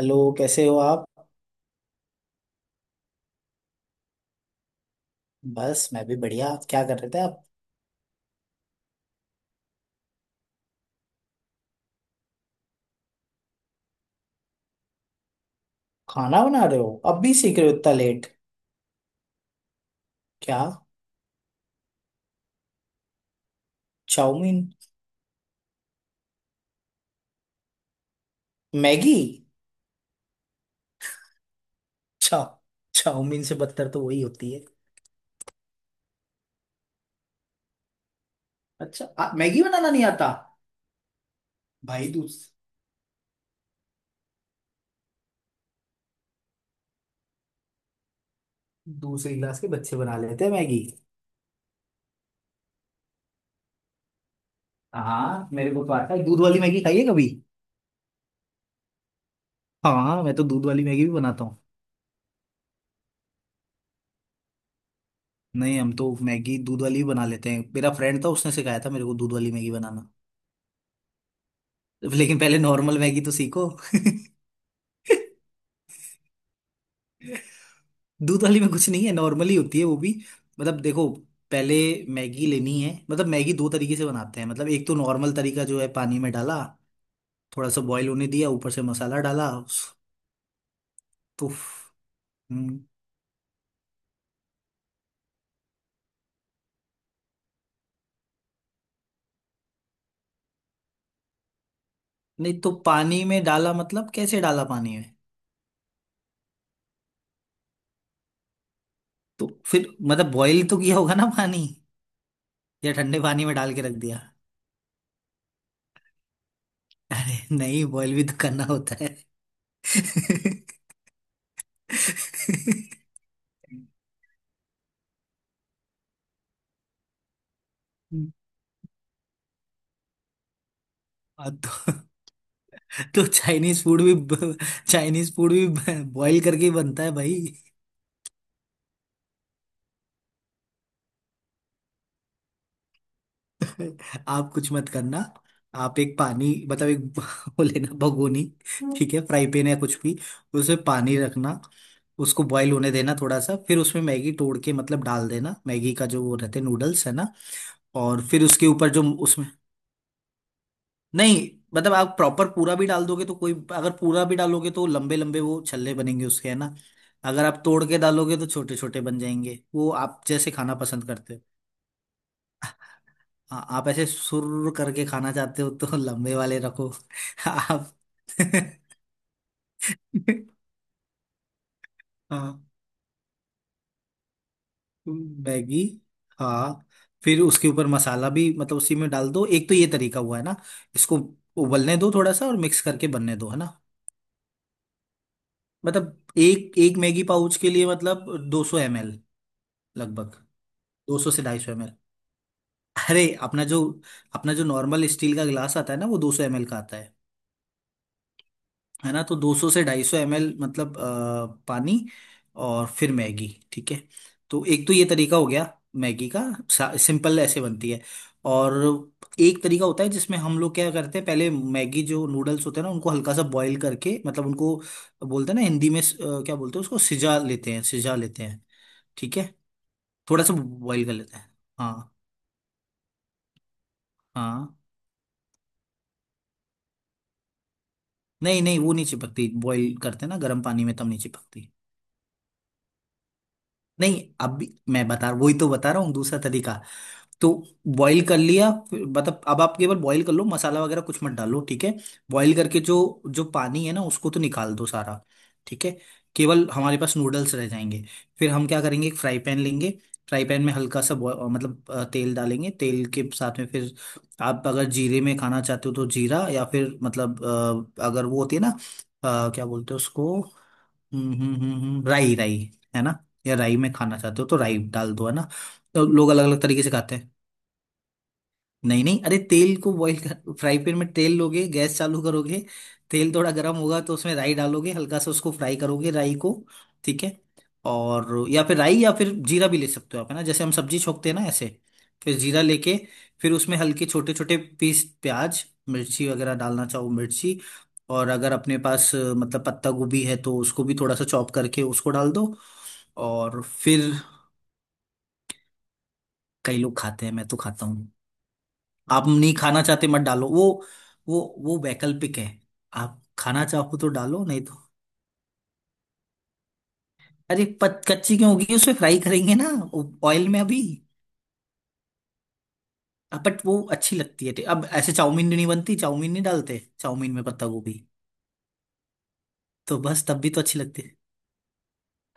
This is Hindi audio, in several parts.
हेलो, कैसे हो आप? बस मैं भी बढ़िया। क्या कर रहे थे आप? खाना बना रहे हो अब भी, सीख रहे हो इतना लेट? क्या? चाउमीन। मैगी। चा चाउमीन से बदतर तो वही होती है। अच्छा, आप मैगी बनाना नहीं आता? भाई, दूसरी क्लास के बच्चे बना लेते हैं मैगी। हाँ, मेरे को तो आता है। दूध वाली मैगी खाइए कभी। हाँ, मैं तो दूध वाली मैगी भी बनाता हूँ। नहीं, हम तो मैगी दूध वाली भी बना लेते हैं। मेरा फ्रेंड था, उसने सिखाया था मेरे को दूध वाली मैगी बनाना। लेकिन पहले नॉर्मल मैगी तो सीखो। दूध वाली में कुछ नहीं है, नॉर्मली होती है वो भी। मतलब देखो, पहले मैगी लेनी है। मतलब मैगी दो तरीके से बनाते हैं। मतलब एक तो नॉर्मल तरीका जो है, पानी में डाला, थोड़ा सा बॉईल होने दिया, ऊपर से मसाला डाला तो हम्म, नहीं तो। पानी में डाला मतलब कैसे डाला पानी में? तो फिर मतलब बॉईल तो किया होगा ना पानी, या ठंडे पानी में डाल के रख दिया? अरे नहीं, बॉईल भी तो करना होता है। हाँ, तो चाइनीज फूड भी, चाइनीज फूड भी बॉईल करके ही बनता है भाई। आप कुछ मत करना। आप एक पानी मतलब एक वो लेना भगोनी, ठीक है, फ्राई पैन या कुछ भी। उसमें पानी रखना, उसको बॉईल होने देना थोड़ा सा, फिर उसमें मैगी तोड़ के मतलब डाल देना। मैगी का जो वो रहते नूडल्स है ना, और फिर उसके ऊपर जो उसमें, नहीं, मतलब आप प्रॉपर पूरा भी डाल दोगे तो कोई, अगर पूरा भी डालोगे तो लंबे लंबे वो छल्ले बनेंगे उसके है ना। अगर आप तोड़ के डालोगे तो छोटे छोटे बन जाएंगे, वो आप जैसे खाना पसंद करते हो। हाँ, आप ऐसे सुर करके खाना चाहते हो तो लंबे वाले रखो। आप हाँ मैगी हाँ। फिर उसके ऊपर मसाला भी मतलब उसी में डाल दो। एक तो ये तरीका हुआ है ना। इसको उबलने दो थोड़ा सा और मिक्स करके बनने दो, है ना। मतलब एक एक मैगी पाउच के लिए मतलब 200 सौ ML, लगभग 200 से 250 ML। अरे, अपना जो, अपना जो नॉर्मल स्टील का गिलास आता है ना वो 200 ML का आता है। है ना, तो 200 से 250 ML मतलब पानी, और फिर मैगी, ठीक है। तो एक तो ये तरीका हो गया मैगी का, सिंपल ऐसे बनती है। और एक तरीका होता है जिसमें हम लोग क्या करते हैं, पहले मैगी जो नूडल्स होते हैं ना उनको हल्का सा बॉईल करके, मतलब उनको बोलते हैं ना हिंदी में क्या बोलते हैं उसको, सिजा लेते हैं, सिजा लेते हैं, ठीक है, थोड़ा सा बॉईल कर लेते हैं। हाँ हाँ, नहीं नहीं, वो नहीं चिपकती, बॉईल करते ना गर्म पानी में तब नहीं चिपकती। नहीं, अब भी मैं बता, वही तो बता रहा हूँ दूसरा तरीका। तो बॉईल कर लिया फिर, मतलब अब आप केवल बॉईल कर लो, मसाला वगैरह कुछ मत डालो, ठीक है। बॉईल करके जो जो पानी है ना उसको तो निकाल दो सारा, ठीक है। केवल हमारे पास नूडल्स रह जाएंगे। फिर हम क्या करेंगे, एक फ्राई पैन लेंगे, फ्राई पैन में हल्का सा मतलब तेल डालेंगे। तेल के साथ में फिर आप अगर जीरे में खाना चाहते हो तो जीरा, या फिर मतलब अगर वो होती है ना क्या बोलते हैं उसको, राई, राई, है ना, या राई में खाना चाहते हो तो राई डाल दो, है ना। तो लोग अलग अलग तरीके से खाते हैं। नहीं नहीं, अरे तेल को बॉईल कर, फ्राई पैन में तेल लोगे, गैस चालू करोगे, तेल थोड़ा गर्म होगा, तो उसमें राई डालोगे, हल्का सा उसको फ्राई करोगे राई को, ठीक है। और या फिर राई या फिर जीरा भी ले सकते हो आप, है ना, जैसे हम सब्जी छोकते हैं ना ऐसे। फिर जीरा लेके फिर उसमें हल्के छोटे छोटे पीस प्याज, मिर्ची वगैरह डालना चाहो, मिर्ची, और अगर अपने पास मतलब पत्ता गोभी है तो उसको भी थोड़ा सा चॉप करके उसको डाल दो। और फिर कई लोग खाते हैं, मैं तो खाता। आप नहीं खाना चाहते मत डालो वो, वो वो वैकल्पिक है। आप खाना चाहो तो डालो नहीं तो। अरे कच्ची क्यों होगी, उसे फ्राई करेंगे ना ऑयल में अभी। अब बट वो अच्छी लगती है। अब ऐसे चाउमीन नहीं बनती, चाउमीन नहीं डालते चाउमीन में पत्ता गोभी। तो बस तब भी तो अच्छी लगती है,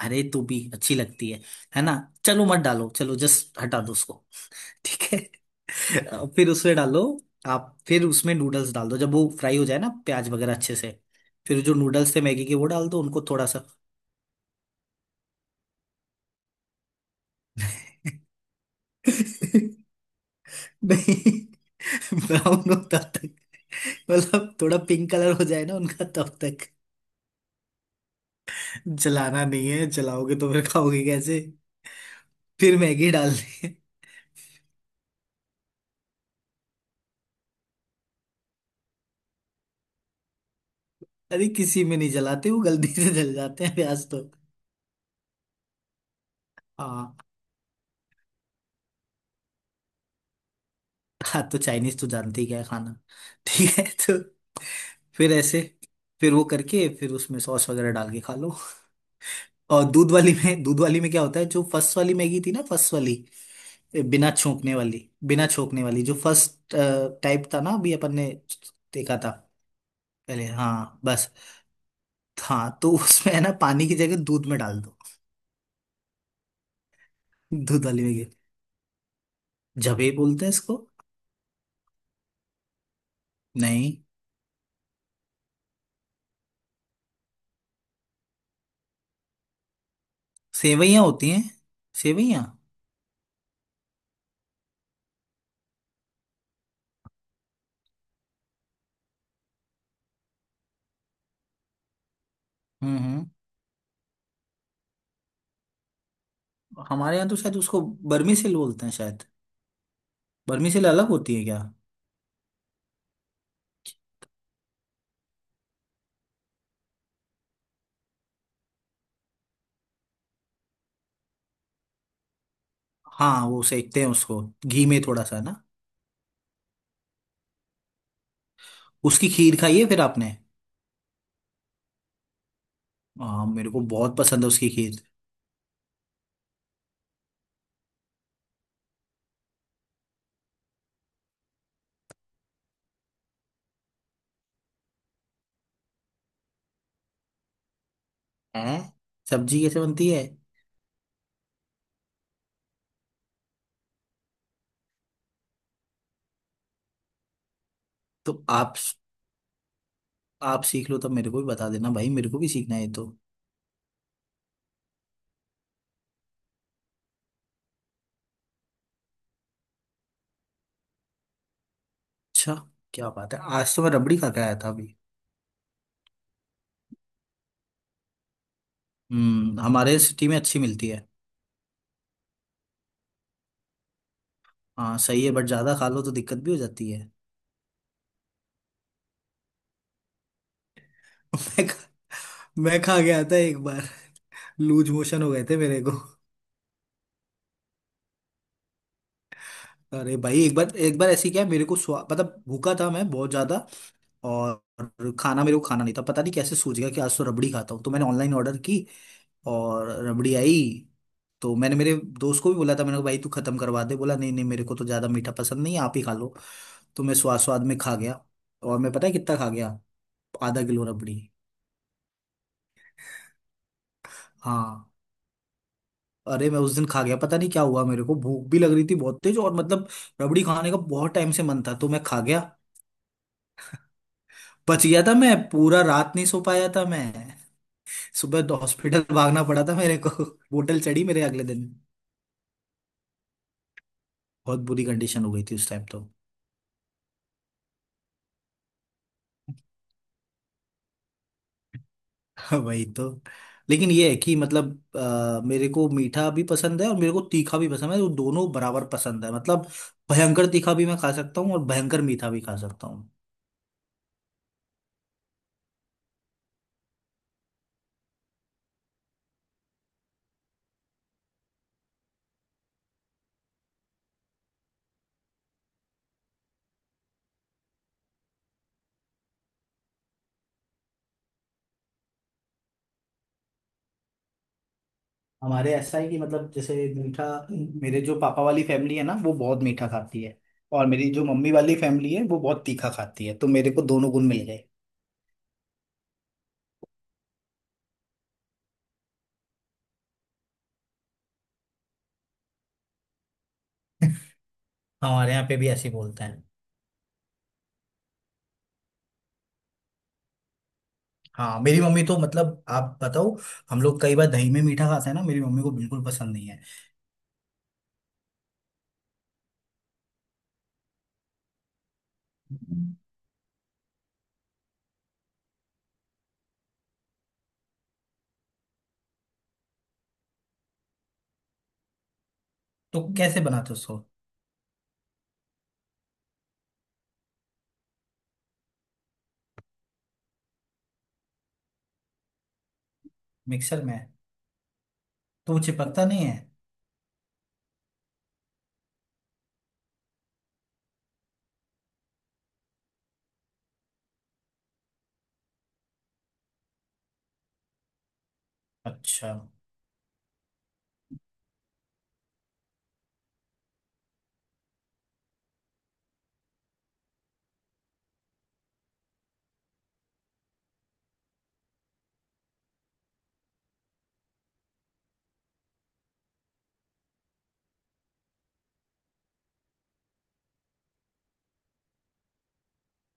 अरे तो भी अच्छी लगती है ना। चलो मत डालो, चलो जस्ट हटा दो उसको, ठीक है। अब फिर उसमें डालो, आप फिर उसमें नूडल्स डाल दो जब वो फ्राई हो जाए ना प्याज वगैरह अच्छे से। फिर जो नूडल्स थे मैगी के वो डाल दो उनको थोड़ा सा। नहीं, ब्राउन होता तक, मतलब थोड़ा पिंक कलर हो जाए ना उनका तब तक। जलाना नहीं है, जलाओगे तो फिर खाओगे कैसे। फिर मैगी डालनी है। अरे किसी में नहीं जलाते, वो गलती से जल जाते हैं प्याज तो। हाँ हाँ, तो चाइनीज तो जानते ही क्या है खाना। ठीक है, तो फिर ऐसे, फिर वो करके फिर उसमें सॉस वगैरह डाल के खा लो। और दूध वाली में क्या होता है, जो फर्स्ट वाली मैगी थी ना, फर्स्ट वाली, बिना छोंकने वाली जो फर्स्ट टाइप था ना, अभी अपन ने देखा था पहले, हाँ बस। हाँ, तो उसमें है ना पानी की जगह दूध में डाल दो। दूध वाली में गिर, जबे बोलते हैं इसको। नहीं, सेवइयां होती हैं, सेवइयां। हम्म हम्म हमारे यहाँ तो शायद उसको बर्मी सेल बोलते हैं शायद। बर्मी सेल अलग होती है क्या? हाँ, वो सेकते हैं उसको घी में थोड़ा सा ना। उसकी खीर खाई है फिर आपने? हाँ, मेरे को बहुत पसंद है उसकी खीर है। सब्जी कैसे बनती है? तो आप सीख लो तब मेरे को भी बता देना। भाई मेरे को भी सीखना है ये तो। अच्छा, क्या बात है, आज तो मैं रबड़ी खा के आया था अभी। हम्म, हमारे सिटी में अच्छी मिलती है। हाँ सही है, बट ज्यादा खा लो तो दिक्कत भी हो जाती है। मैं खा, मैं खा गया था एक बार। लूज मोशन हो गए थे मेरे को। अरे भाई, एक बार, एक बार ऐसी क्या है, मेरे को स्वा मतलब भूखा था मैं बहुत ज्यादा। और खाना मेरे को खाना नहीं था, पता नहीं कैसे सूझ गया कि आज तो रबड़ी खाता हूँ, तो मैंने ऑनलाइन ऑर्डर की और रबड़ी आई। तो मैंने मेरे दोस्त को भी बोला था, मैंने कहा भाई तू खत्म करवा दे। बोला नहीं नहीं, मेरे को तो ज्यादा मीठा पसंद नहीं है, आप ही खा लो। तो मैं स्वाद स्वाद में खा गया। और मैं, पता है कितना खा गया, आधा किलो रबड़ी। हाँ। अरे मैं उस दिन खा गया, पता नहीं क्या हुआ, मेरे को भूख भी लग रही थी बहुत तेज, और मतलब रबड़ी खाने का बहुत टाइम से मन था, तो मैं खा गया। बच गया था, मैं पूरा रात नहीं सो पाया था मैं। सुबह तो हॉस्पिटल भागना पड़ा था मेरे को। बोतल चढ़ी मेरे अगले दिन। बहुत बुरी कंडीशन हो गई थी उस टाइम तो। वही तो। लेकिन ये है कि मतलब मेरे को मीठा भी पसंद है और मेरे को तीखा भी पसंद है, वो दोनों बराबर पसंद है। मतलब भयंकर तीखा भी मैं खा सकता हूँ और भयंकर मीठा भी खा सकता हूँ। हमारे ऐसा है कि मतलब जैसे मीठा, मेरे जो पापा वाली फैमिली है ना वो बहुत मीठा खाती है, और मेरी जो मम्मी वाली फैमिली है वो बहुत तीखा खाती है, तो मेरे को दोनों गुण मिल गए। हमारे यहाँ पे भी ऐसे ही बोलते हैं। हाँ, मेरी मम्मी तो मतलब आप बताओ, हम लोग कई बार दही में मीठा खाते हैं ना, मेरी मम्मी को बिल्कुल पसंद नहीं है। तो कैसे बनाते हो उसको? मिक्सर में? तो वो चिपकता नहीं है? अच्छा।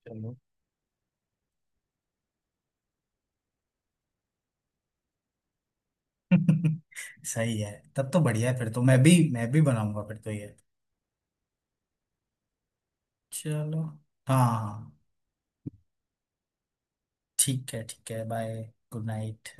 चलो। सही है, तब तो बढ़िया है, फिर तो मैं भी बनाऊंगा फिर तो ये। चलो। हाँ हाँ, हाँ। ठीक है ठीक है, बाय। Good night.